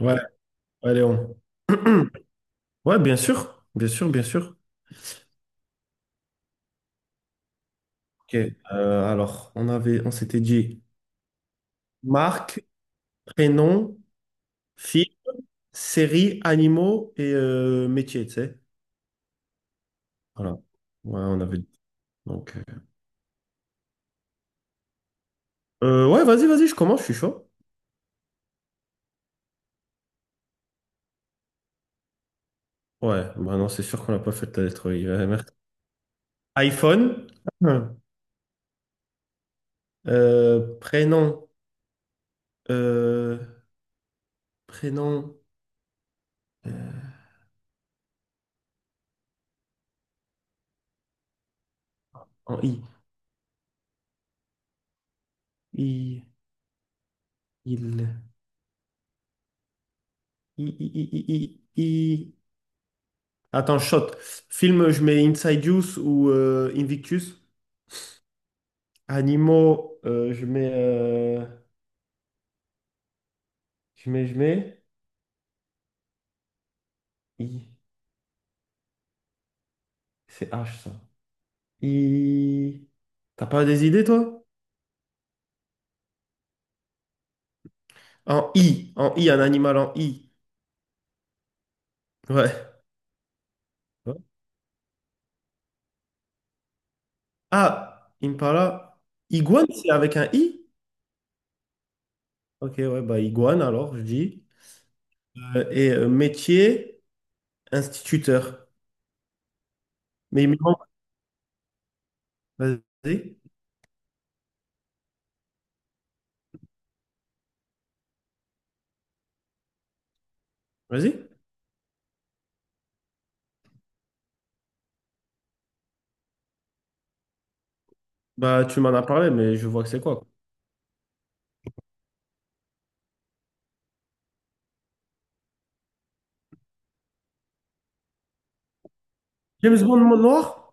Ouais, ouais, Léon. Ouais, bien sûr, bien sûr, bien sûr. Ok. Alors, on s'était dit marque, prénom, fille, série, animaux et métier, tu sais. Voilà. Ouais, on avait dit. Donc, euh, ouais, vas-y, je commence, je suis chaud. Ouais, bah non, c'est sûr qu'on n'a pas fait la lettre I. Ouais, merde. iPhone, Hum. Prénom, euh, prénom euh, en I. I, il, I, I, I, I, I. Attends, shot. Film, je mets Inside Use ou Invictus. Animaux, je mets, je mets. I. C'est H ça. I. T'as pas des idées, toi? En I. En I, un animal en I. Ouais. Ouais. Ah, Impala. Iguane, c'est avec un I? Ok, ouais, bah iguane alors, je dis. Métier, instituteur. Mais il me manque. Vas-y. Vas-y. Bah, tu m'en as parlé, mais je vois que c'est quoi. James Bond mon noir?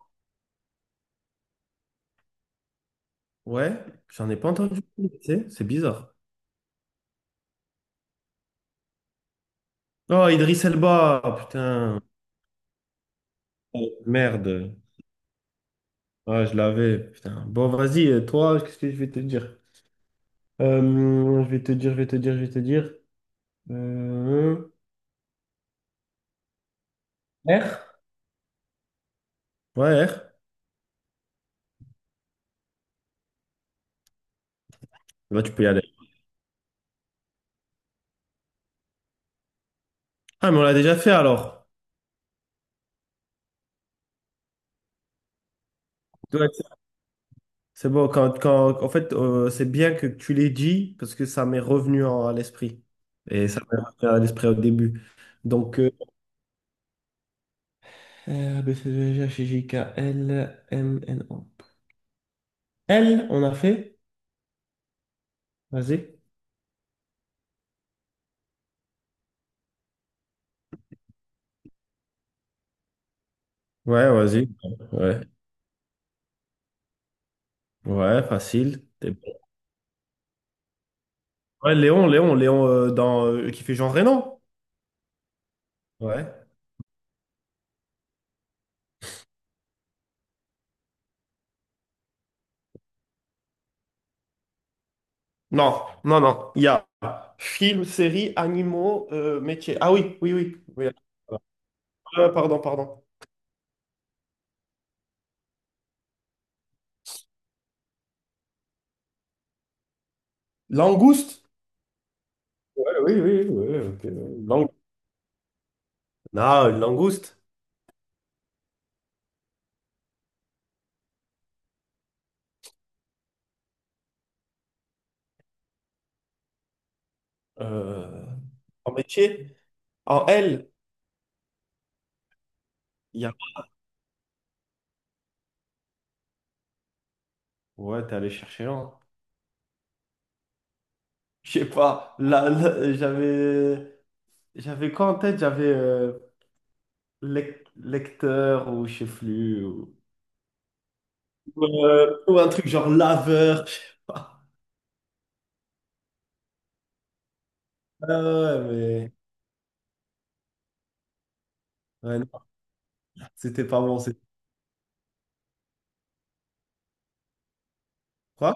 Ouais, j'en ai pas entendu parler, tu sais, c'est bizarre. Oh, Idriss Elba, ah, putain. Oh, merde. Ah, je l'avais, putain. Bon, vas-y, toi, qu'est-ce que je vais te dire? Euh, je vais te dire, je vais te dire, je vais te dire. Euh, R? Ouais, R. Bah, tu peux y aller. Ah, mais on l'a déjà fait alors. Ouais, c'est bon, en fait, c'est bien que tu l'aies dit parce que ça m'est revenu à l'esprit. Et ça m'est revenu à l'esprit au début. Donc, euh, R, B, C, D, E, F, G, H, I, J, K, L, M, N, O. Elle, on a fait. Vas-y. Ouais, vas-y. Ouais, ouais, facile. T'es bon. Ouais, Léon, Léon, Léon qui fait Jean Reno. Ouais. Non, non, non. Il y a film, série, animaux, métier. Ah oui, oui, oui, oui. Pardon, pardon. Langouste? Ouais, oui, oui, oui, ok. Lang- Non, une langouste. Euh, en métier. En L, il y a... Ouais, t'es allé chercher loin. Je sais pas. Là, là, j'avais... J'avais quoi en tête? J'avais lecteur ou je sais plus. Ou un truc genre laveur, je sais pas. Ah ouais, mais ouais, non, c'était pas bon. Quoi?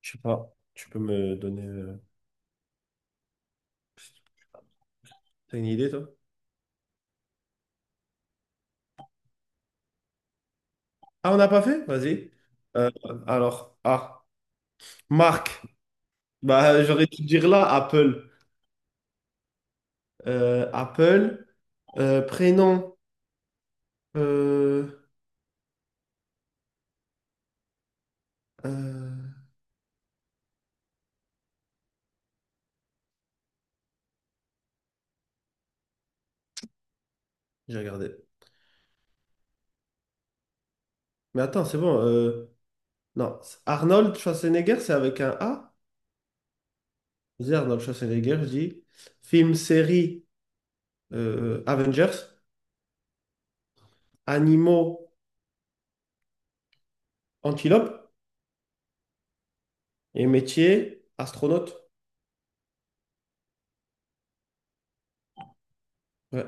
Je sais pas. Tu peux me donner t'as une idée, toi? Ah, on n'a pas fait? Vas-y. Euh, alors, ah, Marc. Bah, j'aurais dû dire là, Apple. Apple, prénom. Euh, euh, j'ai regardé. Mais attends, c'est bon. Non, Arnold Schwarzenegger, c'est avec un A. Je dis Arnold Schwarzenegger, je dis film, série, Avengers, animaux, antilopes, et métier, astronaute. Ouais.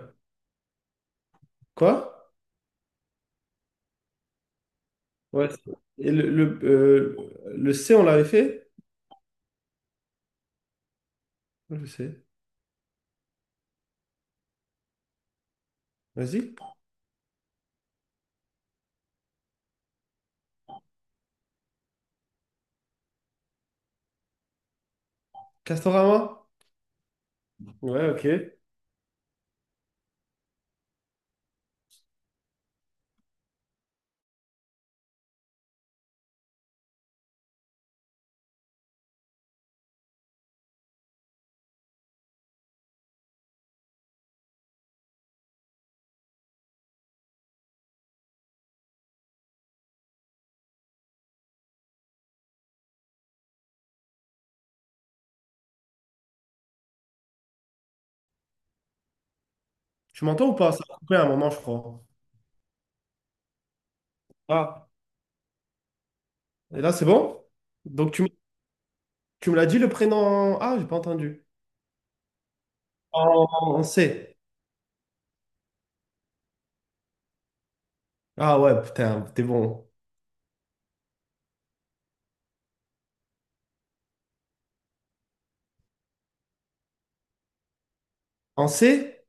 Quoi? Ouais. Et le C, on l'avait fait? Ouais, je sais. Vas-y. Castorama? Ouais, ok. Tu m'entends ou pas? Ça a coupé à un moment, je crois. Ah, et là, c'est bon? Donc, tu, m- tu me l'as dit le prénom? Ah, j'ai pas entendu. En en C. Ah ouais, putain, t'es bon. En C?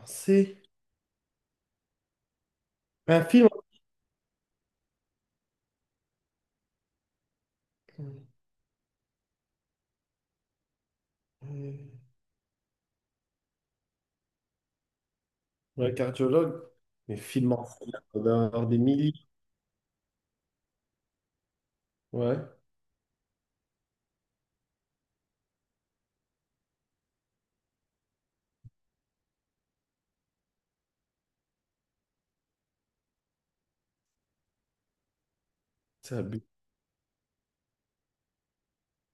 En C. Un film. Euh, Ouais, cardiologue. Mais film en C, là, on doit en avoir des milliers. Ouais, c'est abusé.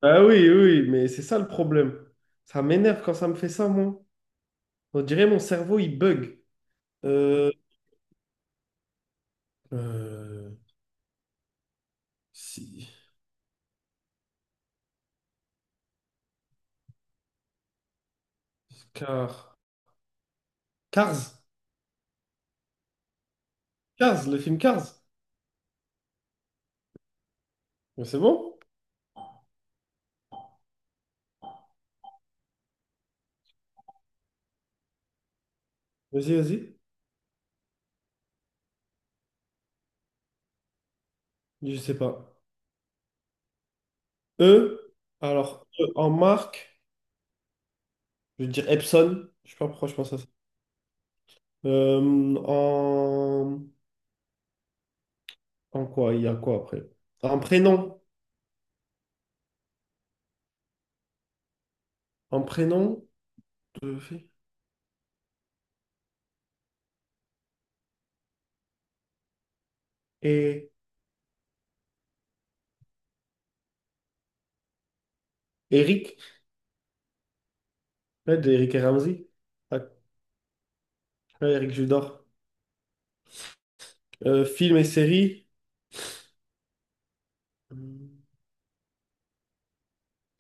Ah oui, oui, oui, mais c'est ça le problème. Ça m'énerve quand ça me fait ça, moi. On dirait mon cerveau, il bug. Euh, euh, si. Car. Cars. Cars, le film Cars. Mais c'est bon? Vas-y, vas-y. Je sais pas. E. Alors, E en marque, je veux dire Epson. Je sais pas pourquoi je pense à ça. En... En quoi? Il y a quoi après? En prénom. En prénom de fait. Et Eric. Ouais, d'Eric et Ramsey. Ah, ouais, Eric Judor. Film et série. Hum,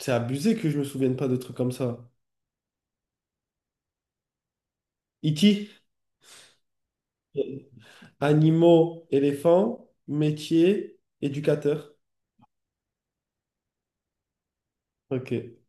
C'est abusé que je me souvienne pas de trucs comme ça. Iti. Animaux, éléphants, métier, éducateur. Ok.